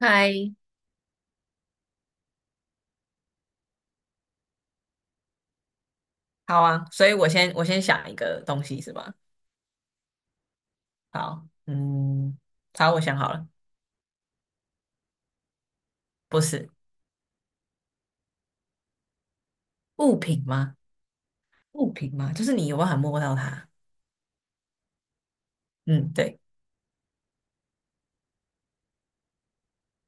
嗨，好啊，所以我先想一个东西是吧？好，嗯，好，我想好了。不是物品吗？物品吗？就是你有办法摸到它。嗯，对，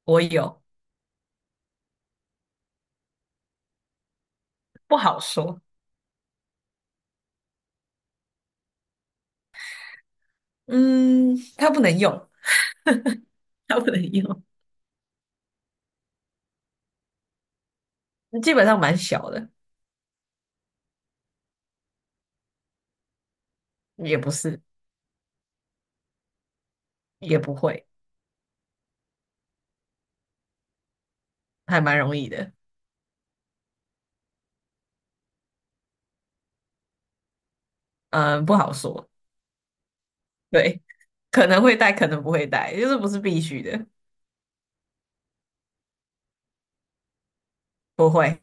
我有。不好说。嗯，它不能用。它不能用。基本上蛮小的。也不是。也不会。还蛮容易的。嗯，不好说。对，可能会带，可能不会带，就是不是必须的。不会。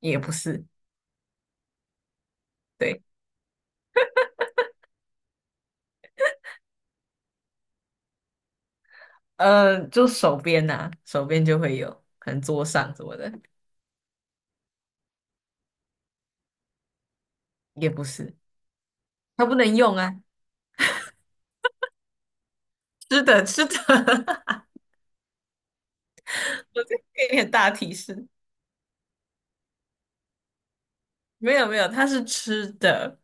也不是。对。就手边呐、手边就会有，可能桌上什么的。也不是。它不能用啊。吃的，吃的。我再给你点大提示。没有没有，它是吃的。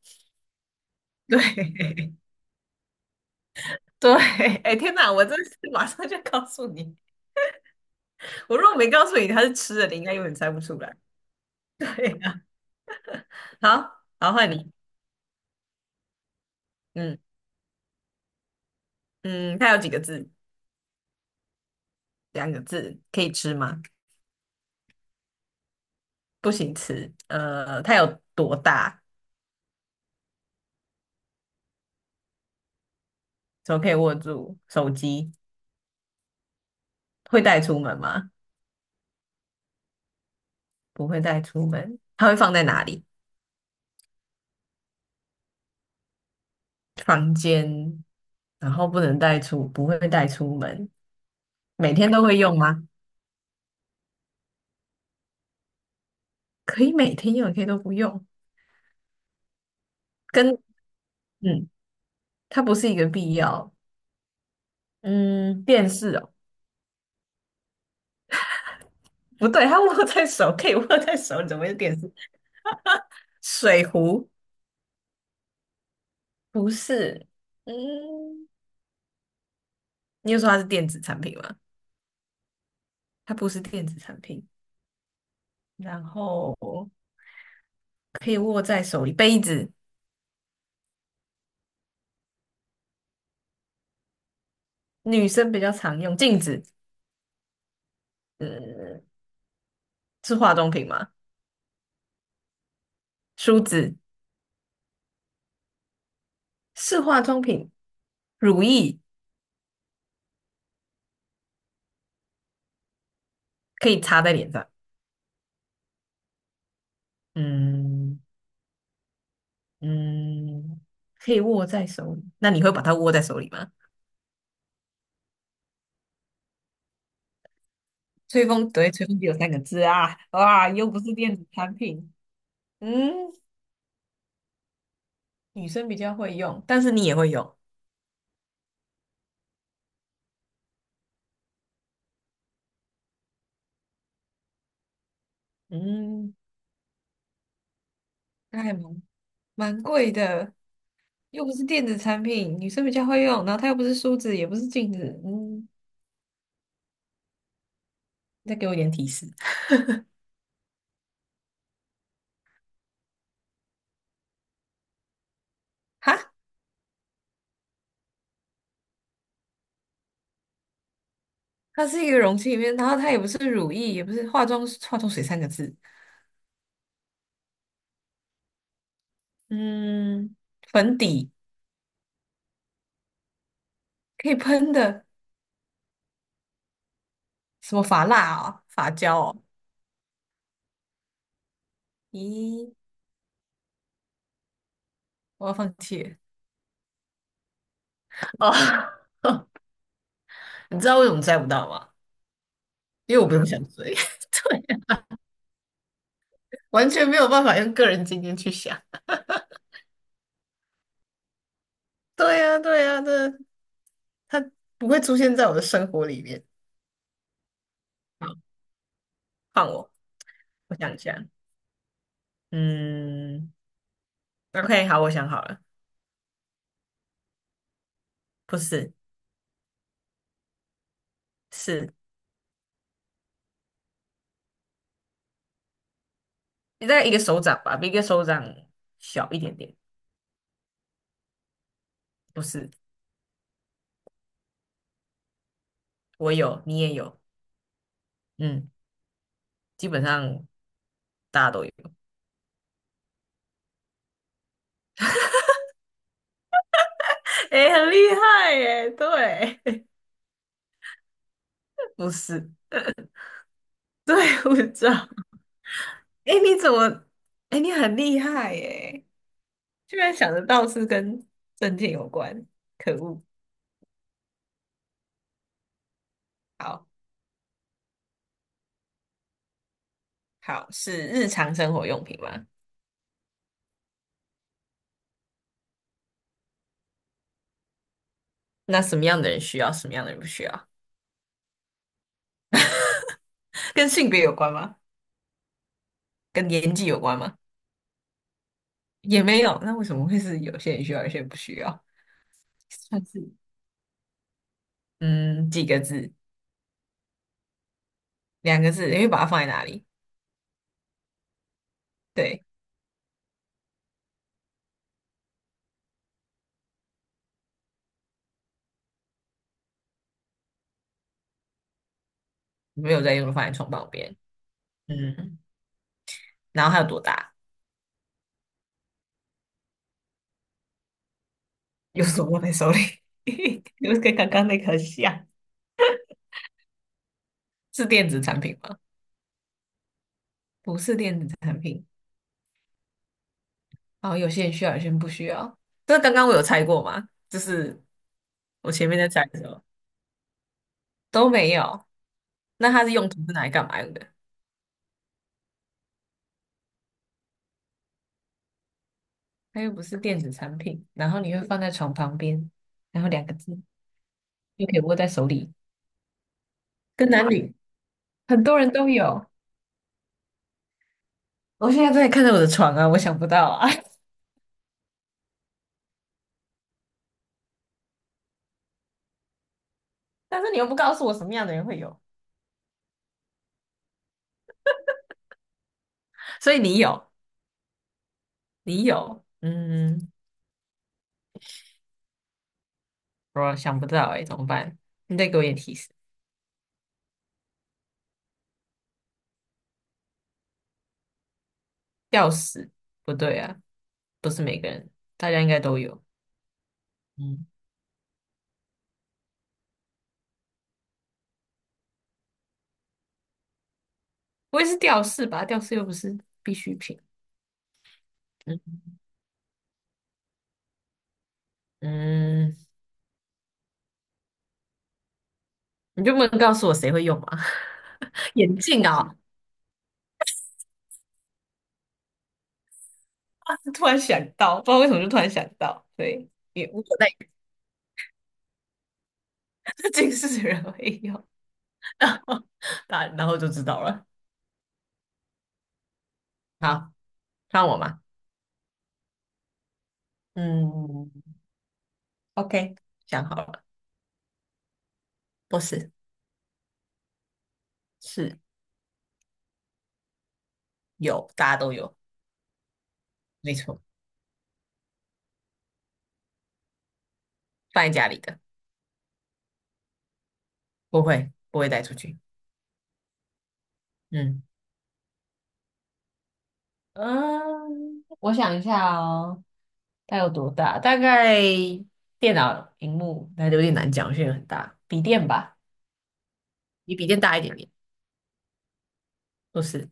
对。 对，哎天哪，我真是马上就告诉你。我如果没告诉你它是吃的，你应该永远猜不出来。对呀、好，好换你。嗯嗯，它有几个字？两个字，可以吃吗？不行吃。它有多大？怎么可以握住手机？会带出门吗？不会带出门，它会放在哪里？房间，然后不能带出，不会带出门。每天都会用吗？可以每天用，也可以都不用。跟嗯，它不是一个必要。嗯，电视哦，不对，它握在手，可以握在手，怎么会是电视？水壶不是。嗯，你又说它是电子产品吗？它不是电子产品。然后可以握在手里，杯子，女生比较常用，镜子。嗯，是化妆品吗？梳子是化妆品，乳液可以擦在脸上。嗯嗯，可以握在手里。那你会把它握在手里吗？吹风，对，吹风机有三个字啊，哇，又不是电子产品。嗯，女生比较会用，但是你也会用。嗯，那还蛮蛮贵的，又不是电子产品，女生比较会用，然后它又不是梳子，也不是镜子。嗯，再给我一点提示。哈，它是一个容器里面，然后它也不是乳液，也不是化妆水三个字。嗯，粉底可以喷的，什么发蜡啊、发胶哦。咦，我要放弃了哦。你知道为什么猜不到吗？因为我不用想追。对啊，完全没有办法用个人经验去想。对呀，对呀，这它不会出现在我的生活里面。好，换我，我想一下。嗯，OK，好，我想好了。不是。是。你大概一个手掌吧，比一个手掌小一点点。不是。我有，你也有。嗯，基本上大家都有。哎，很厉害耶！对。不是，对，护照。哎，你怎么？哎，你很厉害耶！居然想得到是跟证件有关。可恶！好。好，是日常生活用品吗？那什么样的人需要，什么样的人不需要？跟性别有关吗？跟年纪有关吗？也没有，那为什么会是有些人需要，有些人不需要？算是嗯，几个字，两个字，你会把它放在哪里？对，没有在用，放在床旁边。嗯，然后它有多大？用手握在手里？就跟刚刚那个很像。是电子产品吗？不是电子产品。然后有些人需要，有些人不需要。这刚刚我有猜过吗？就是我前面在猜的时候都没有。那它是用途是拿来干嘛用的？它又不是电子产品，然后你会放在床旁边，然后两个字又可以握在手里，跟男女很多人都有。我现在在看着我的床啊，我想不到啊。但是你又不告诉我什么样的人会有，所以你有。你有。嗯，我想不到哎、怎么办？你再给我一点提示。吊饰不对啊，不是每个人，大家应该都有。嗯，不会是吊饰吧？吊饰又不是必需品。嗯嗯，你就不能告诉我谁会用吗？眼镜啊，啊突然想到，不知道为什么就突然想到。对，也无所谓。近视的人会用。大然后就知道了。好，看我吗？嗯，OK，想好了。不是。是有，大家都有。没错。放在家里的，不会，不会带出去。嗯嗯，我想一下哦。它有多大？大概电脑屏幕那就有点难讲，现在很大，笔电吧。比笔电大一点点。不是。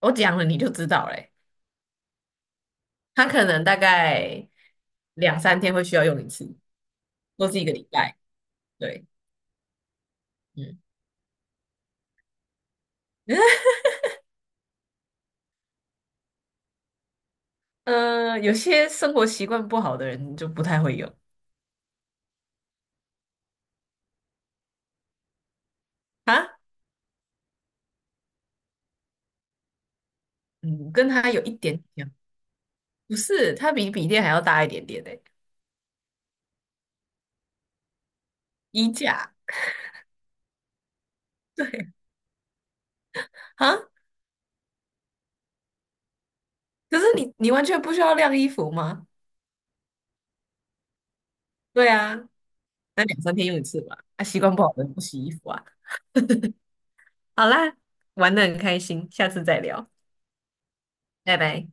我讲了你就知道嘞。它可能大概两三天会需要用一次，或是一个礼拜。对。嗯。有些生活习惯不好的人就不太会用啊。嗯，跟他有一点点。不是，它比笔电还要大一点点诶。衣架。对啊，可是你完全不需要晾衣服吗？对啊，那两三天用一次吧。啊，习惯不好的人不洗衣服啊。好啦，玩的很开心，下次再聊，拜拜。